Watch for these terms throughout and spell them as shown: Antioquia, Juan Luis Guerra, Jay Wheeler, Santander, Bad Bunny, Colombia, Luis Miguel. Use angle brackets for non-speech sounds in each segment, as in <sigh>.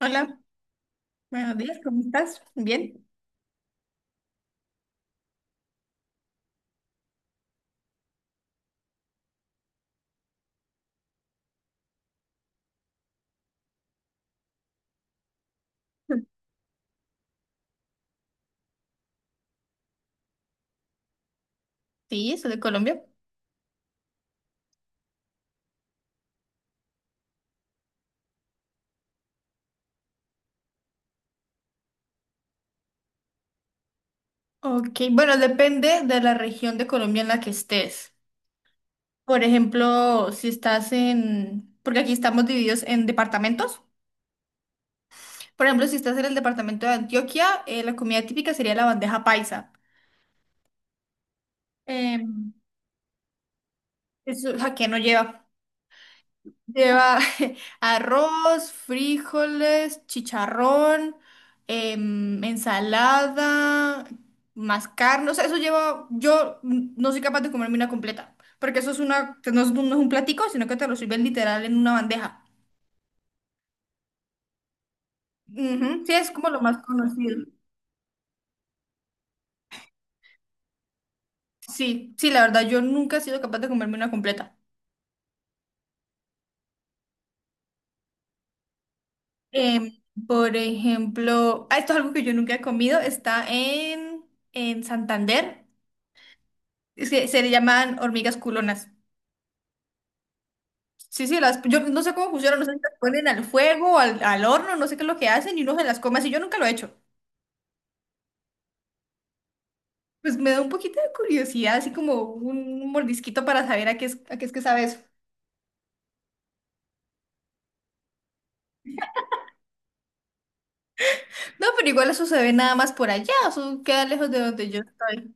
Hola, buenos días, ¿cómo estás? Bien. Sí, soy de Colombia. Ok, bueno, depende de la región de Colombia en la que estés. Por ejemplo, si estás en, porque aquí estamos divididos en departamentos. Por ejemplo, si estás en el departamento de Antioquia, la comida típica sería la bandeja paisa. Em, eso, ¿a qué no lleva? Lleva <laughs> arroz, frijoles, chicharrón, ensalada, más carne. O sea, eso lleva. Yo no soy capaz de comerme una completa. Porque eso es una. Que No es, un no es un platico, sino que te lo sirven literal en una bandeja. Ujú. Sí, es como lo más conocido. Sí, sí, la verdad, yo nunca he sido capaz de comerme una completa. Em, por ejemplo, ah, esto es algo que yo nunca he comido. En Santander. Es que se le llaman hormigas culonas. Sí, sí, yo no sé cómo funcionan, no sé si las ponen al fuego, al horno, no sé qué es lo que hacen y uno se las come así, yo nunca lo he hecho. Pues me da un poquito de curiosidad, así como un mordisquito para saber a qué es que sabe eso. No, pero igual eso se ve nada más por allá, eso queda lejos de donde yo estoy.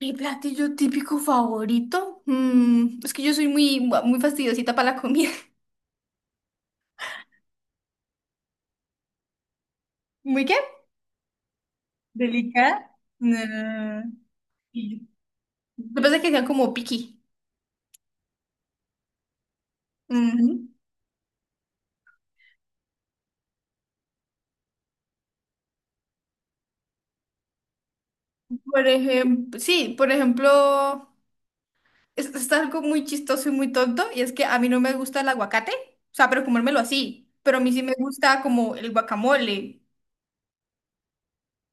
Mi platillo típico favorito. Mm, es que yo soy muy fastidiosita para la comida. <laughs> ¿Muy qué? Delicada. No. Y- Yo pensé que sean como piqui. Ujú. Por ejemplo. Es algo muy chistoso y muy tonto, y es que a mí no me gusta el aguacate, o sea, pero comérmelo así, pero a mí sí me gusta como el guacamole.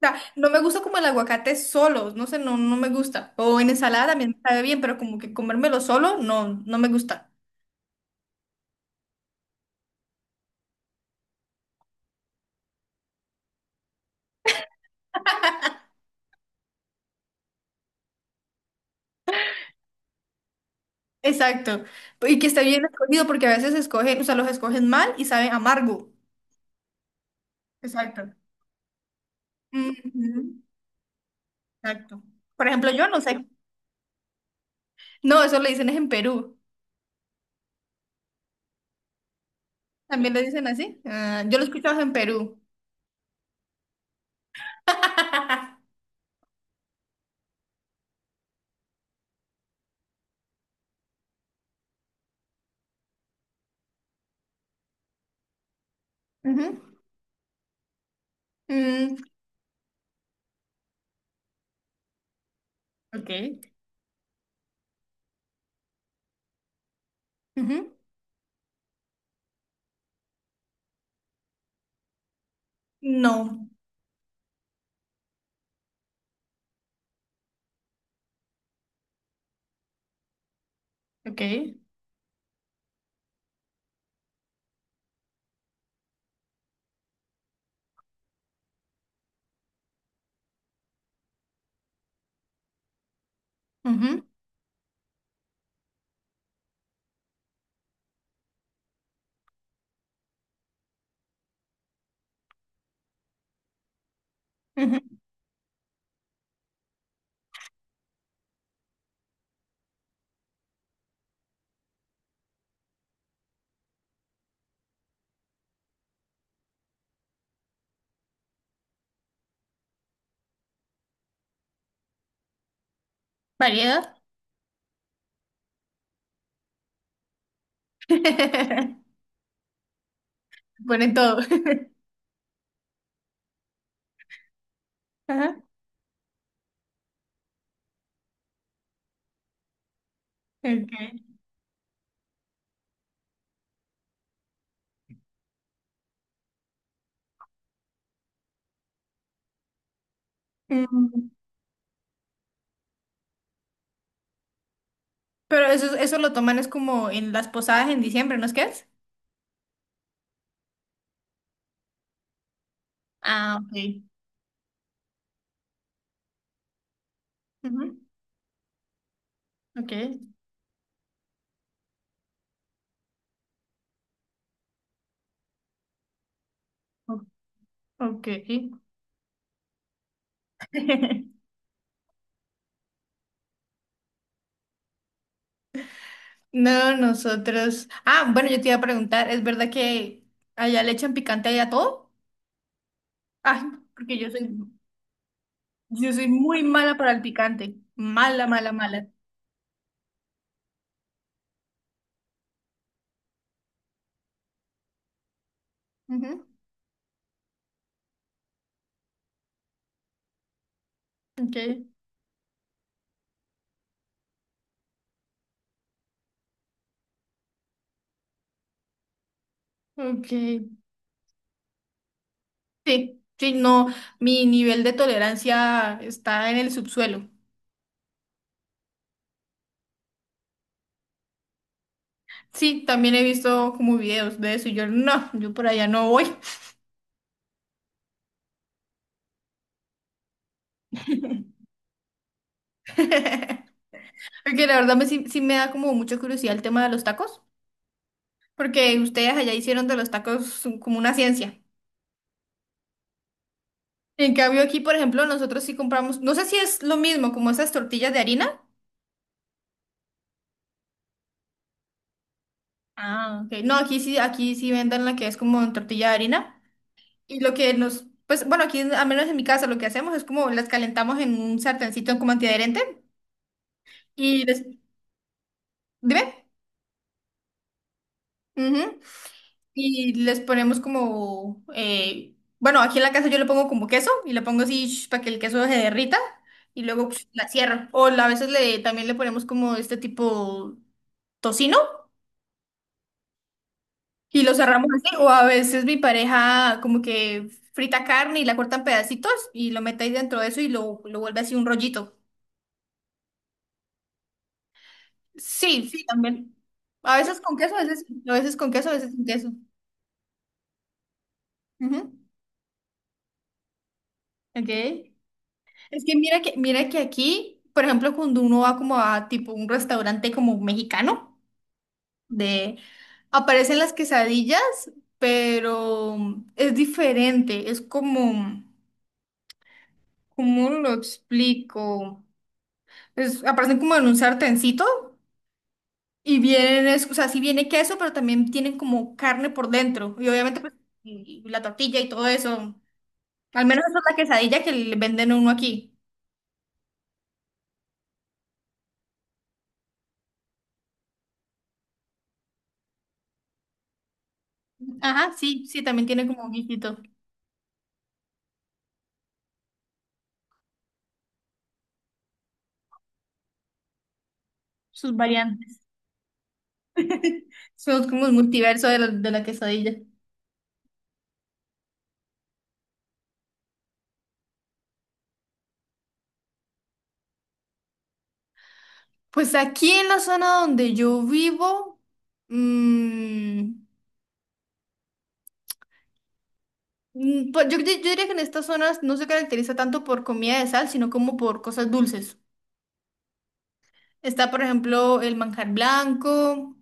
O sea, no me gusta como el aguacate solo, no sé, no me gusta. O en ensalada también me sabe bien, pero como que comérmelo solo, no me gusta. Exacto. Y que esté bien escogido, porque a veces escogen, o sea, los escogen mal y saben amargo. Exacto. Ujú, exacto. Por ejemplo, yo no sé. No, eso le dicen es en Perú. También le dicen así. Ah, yo lo he escuchado en Perú. <laughs> Ujú. Mm, ok. Ujú. No. Ok. Ujú. Ujú. Variedad. <laughs> Ponen todo. Ajá. Okay. Mm, pero eso lo toman es como en las posadas en diciembre, ¿no es que es? Ah, ok. Ujú. Ok. O- Ok. <laughs> No, nosotros. Ah, bueno, yo te iba a preguntar, ¿es verdad que allá le echan picante allá a todo? Ay, porque yo soy muy mala para el picante. Mala, mala, mala. Ujú. Okay, okay. Sí, sí, no, mi nivel de tolerancia está en el subsuelo. Sí, también he visto como videos de eso y yo por allá no voy. <laughs> Porque sí, sí me da como mucha curiosidad el tema de los tacos, porque ustedes allá hicieron de los tacos como una ciencia. En cambio aquí, por ejemplo, nosotros sí compramos, no sé si es lo mismo como esas tortillas de harina. Ah, ok. No, aquí sí venden la que es como en tortilla de harina. Y lo que nos, pues bueno, aquí al menos en mi casa lo que hacemos es como las calentamos en un sartencito como antiadherente y dime. Ujú. Y les ponemos como, bueno, aquí en la casa yo le pongo como queso y le pongo así para que el queso se derrita y luego psh, la cierro. A veces le, también le ponemos como este tipo tocino y lo cerramos así. O a veces mi pareja como que frita carne y la corta en pedacitos y lo mete ahí dentro de eso y lo vuelve así un rollito. Sí, sí, también. A veces con queso, a veces con queso, a veces sin queso. Ujú. Ok. Es que mira que aquí, por ejemplo, cuando uno va como a tipo un restaurante como mexicano, de aparecen las quesadillas, pero es diferente, es como, ¿cómo lo explico? Aparecen como en un sartencito y vienen, o sea, sí viene queso, pero también tienen como carne por dentro y obviamente pues, y la tortilla y todo eso. Al menos esa es la quesadilla que le venden a uno aquí. Ajá, sí, sí, también tiene como un guisito, sus variantes. Somos como el multiverso de de la quesadilla. Pues aquí en la zona donde yo vivo, mm, mm, pues yo diría que en estas zonas no se caracteriza tanto por comida de sal, sino como por cosas dulces. Está, por ejemplo, el manjar blanco,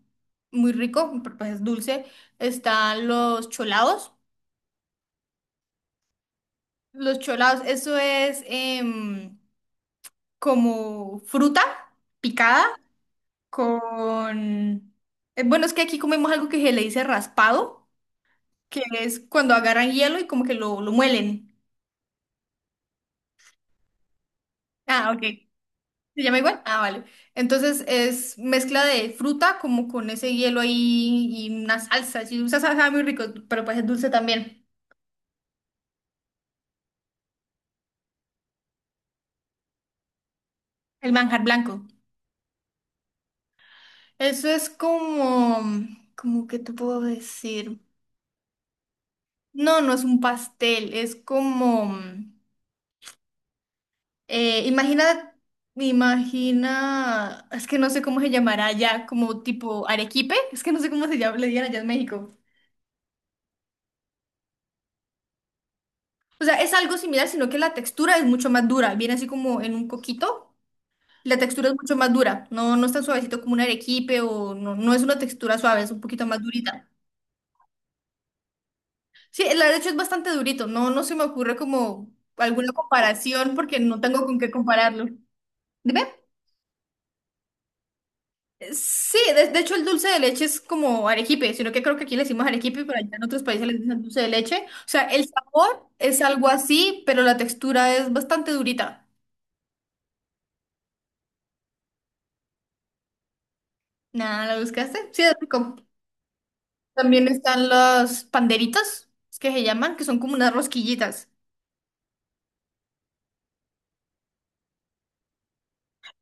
muy rico, pero pues es dulce. Están los cholados. Los cholados, eso es... como fruta picada con... bueno, es que aquí comemos algo que se le dice raspado, que es cuando agarran hielo y como que lo muelen. Ah, ok. ¿Se llama igual? Ah, vale. Entonces es mezcla de fruta como con ese hielo ahí y una salsa. Si usas salsa sabe muy rico, pero pues es dulce también. El manjar blanco. Eso es como... ¿Cómo que te puedo decir? No, no es un pastel, es como... Eh, imagina, imagina, es que no sé cómo se llamará allá, como tipo arequipe, es que no sé cómo se llama, le digan allá en México. O sea, es algo similar, sino que la textura es mucho más dura, viene así como en un coquito, la textura es mucho más dura, no es tan suavecito como un arequipe o no, no es una textura suave, es un poquito más durita. Sí, la de hecho es bastante durito, no se me ocurre como alguna comparación porque no tengo con qué compararlo. Sí, de hecho el dulce de leche es como arequipe, sino que creo que aquí le decimos arequipe, pero allá en otros países le dicen dulce de leche. O sea, el sabor es algo así, pero la textura es bastante durita. Nada, ¿la buscaste? Sí, es rico. También están las panderitas, es que se llaman, que son como unas rosquillitas.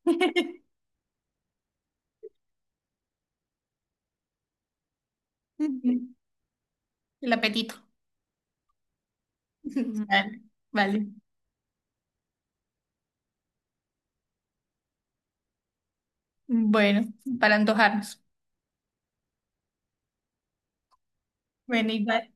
<laughs> Ujú. El apetito. <laughs> Vale, vale. Bueno, para antojarnos. Bueno, igual.